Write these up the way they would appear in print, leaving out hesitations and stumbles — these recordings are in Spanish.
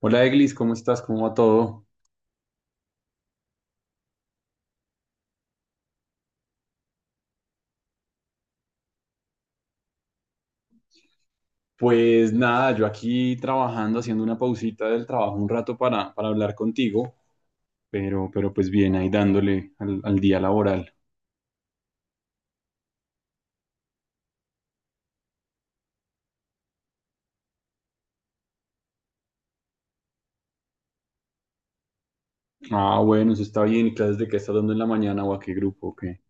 Hola Eglis, ¿cómo estás? ¿Cómo va todo? Pues nada, yo aquí trabajando, haciendo una pausita del trabajo un rato para hablar contigo, pero pues bien, ahí dándole al día laboral. Ah, bueno, eso está bien. ¿Y clases de qué estás dando en la mañana o a qué grupo? ¿O qué?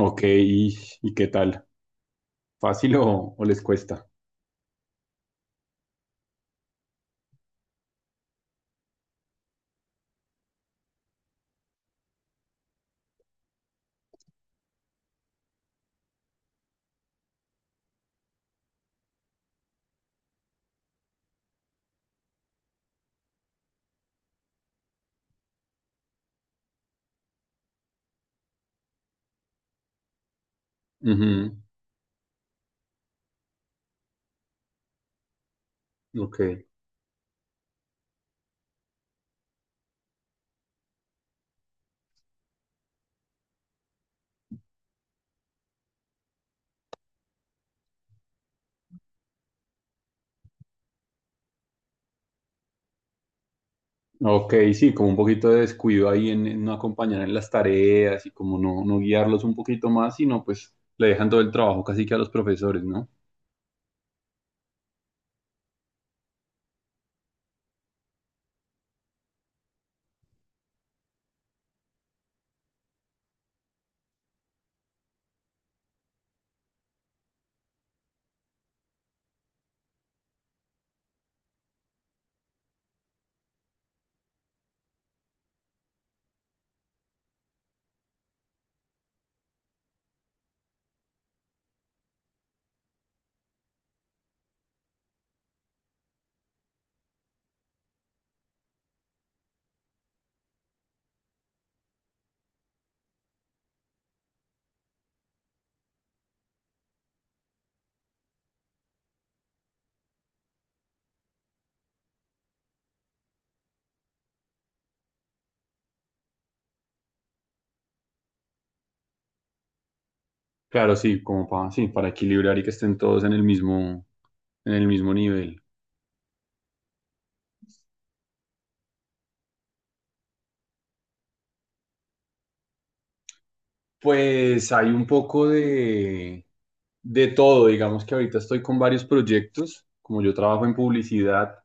Ok, ¿y qué tal? ¿Fácil o les cuesta? Ujú. Ok. Ok, sí, como un poquito de descuido ahí en no acompañar en las tareas y como no guiarlos un poquito más, sino pues le dejan todo el trabajo casi que a los profesores, ¿no? Claro, sí, como para, sí, para equilibrar y que estén todos en el mismo nivel. Pues hay un poco de todo, digamos que ahorita estoy con varios proyectos, como yo trabajo en publicidad.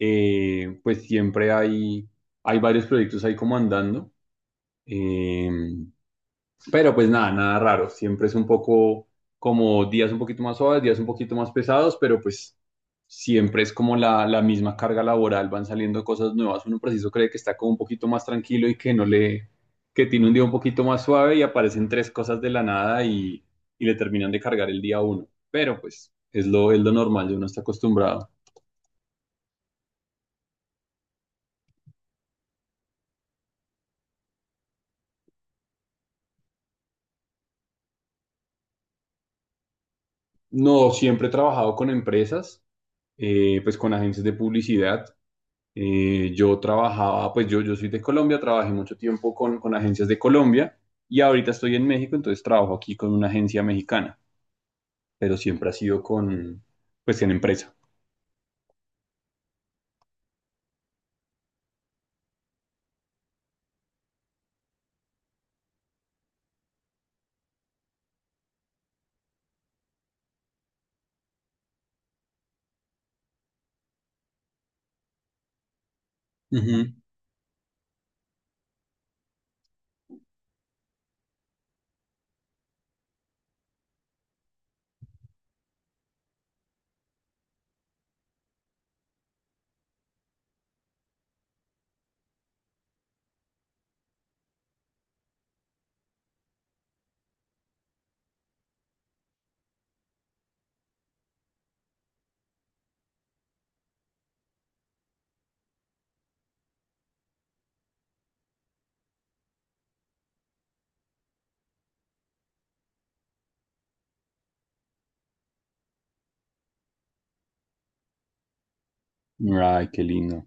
Pues hay varios proyectos ahí como andando. Eh, Pero pues nada, nada raro. Siempre es un poco como días un poquito más suaves, días un poquito más pesados, pero pues siempre es como la misma carga laboral, van saliendo cosas nuevas. Uno preciso cree que está como un poquito más tranquilo y que no le, que tiene un día un poquito más suave y aparecen tres cosas de la nada y le terminan de cargar el día a uno. Pero pues es lo normal, uno está acostumbrado. No, siempre he trabajado con empresas, pues con agencias de publicidad. Yo trabajaba, yo soy de Colombia, trabajé mucho tiempo con agencias de Colombia y ahorita estoy en México, entonces trabajo aquí con una agencia mexicana, pero siempre ha sido con, pues en empresa. Ujú. Ay, qué lindo.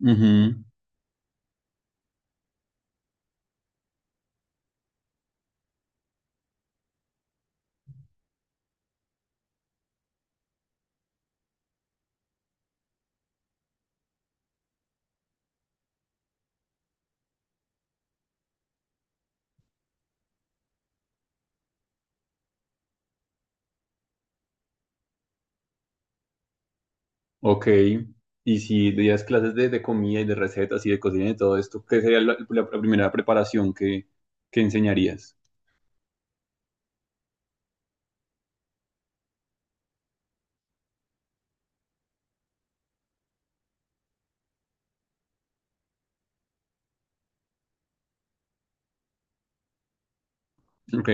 Ujú. Ok. Y si días clases de comida y de recetas y de cocina y todo esto, ¿qué sería primera preparación que enseñarías? Ok.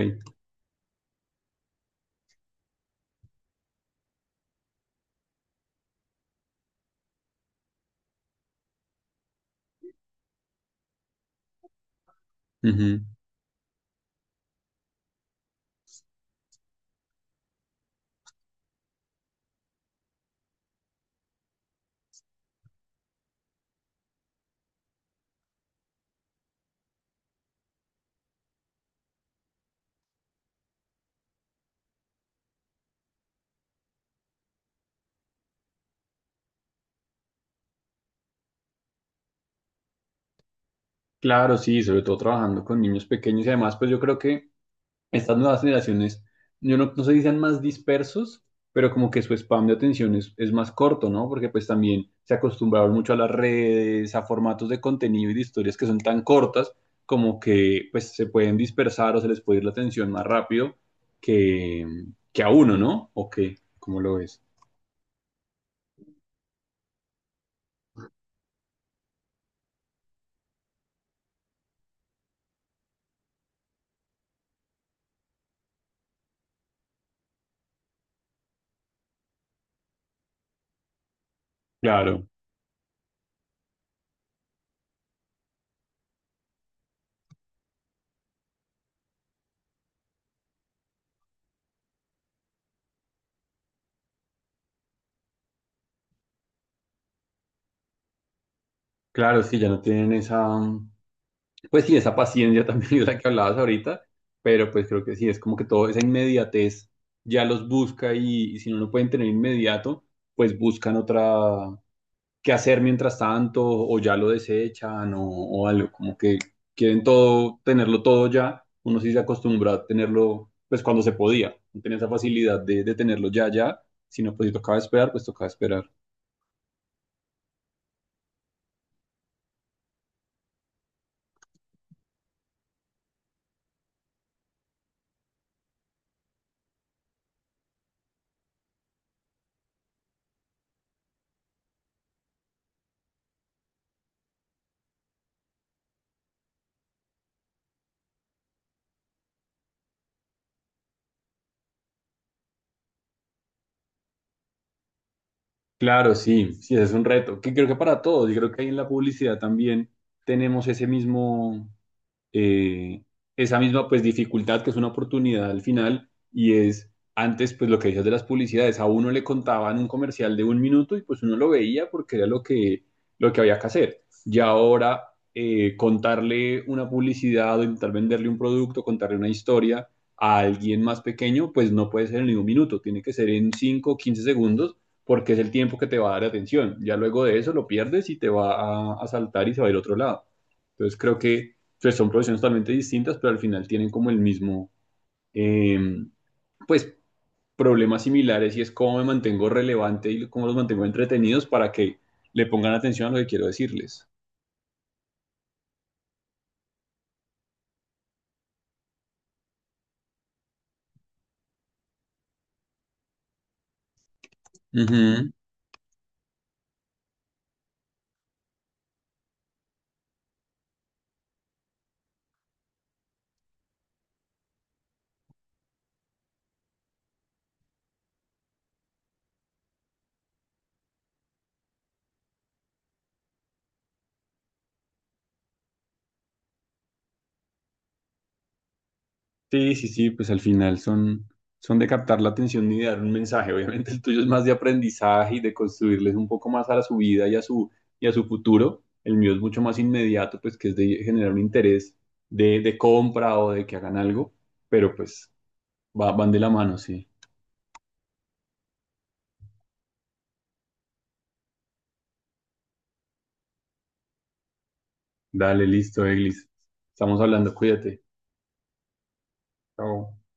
Ujú. Claro, sí, sobre todo trabajando con niños pequeños y además, pues yo creo que estas nuevas generaciones, yo no, no sé si sean más dispersos, pero como que su spam de atención es más corto, ¿no? Porque pues también se acostumbraron mucho a las redes, a formatos de contenido y de historias que son tan cortas como que pues se pueden dispersar o se les puede ir la atención más rápido que, que a uno, ¿no? ¿O qué? ¿Cómo lo ves? Claro, claro, es que ya no tienen esa... Pues sí, esa paciencia también es la que hablabas ahorita, pero pues creo que sí, es como que toda esa inmediatez ya los busca y si no lo pueden tener inmediato, pues buscan otra qué hacer mientras tanto o ya lo desechan o algo, como que quieren todo, tenerlo todo ya, uno sí se acostumbró a tenerlo pues cuando se podía, no tenía esa facilidad de tenerlo ya, ya, si no pues si tocaba esperar, pues tocaba esperar. Claro, sí, sí, ese es un reto, que creo que para todos, y creo que ahí en la publicidad también tenemos ese mismo, eh, esa misma pues dificultad que es una oportunidad al final y es antes pues lo que decías de las publicidades, a uno le contaban un comercial de un minuto y pues uno lo veía porque era lo que había que hacer. Y ahora contarle una publicidad o intentar venderle un producto, contarle una historia a alguien más pequeño, pues no puede ser en ningún minuto, tiene que ser en 5 o 15 segundos porque es el tiempo que te va a dar atención. Ya luego de eso lo pierdes y te va a saltar y se va a ir a otro lado. Entonces creo que pues son profesiones totalmente distintas, pero al final tienen como el mismo, eh, pues, problemas similares y es cómo me mantengo relevante y cómo los mantengo entretenidos para que le pongan atención a lo que quiero decirles. Ujú. Sí, sí, sí, pues al final son de captar la atención y de dar un mensaje. Obviamente el tuyo es más de aprendizaje y de construirles un poco más a la su vida y a su futuro. El mío es mucho más inmediato, pues que es de generar un interés de compra o de que hagan algo, pero pues van de la mano, sí. Dale, listo, Eglis. Estamos hablando, cuídate. Chao.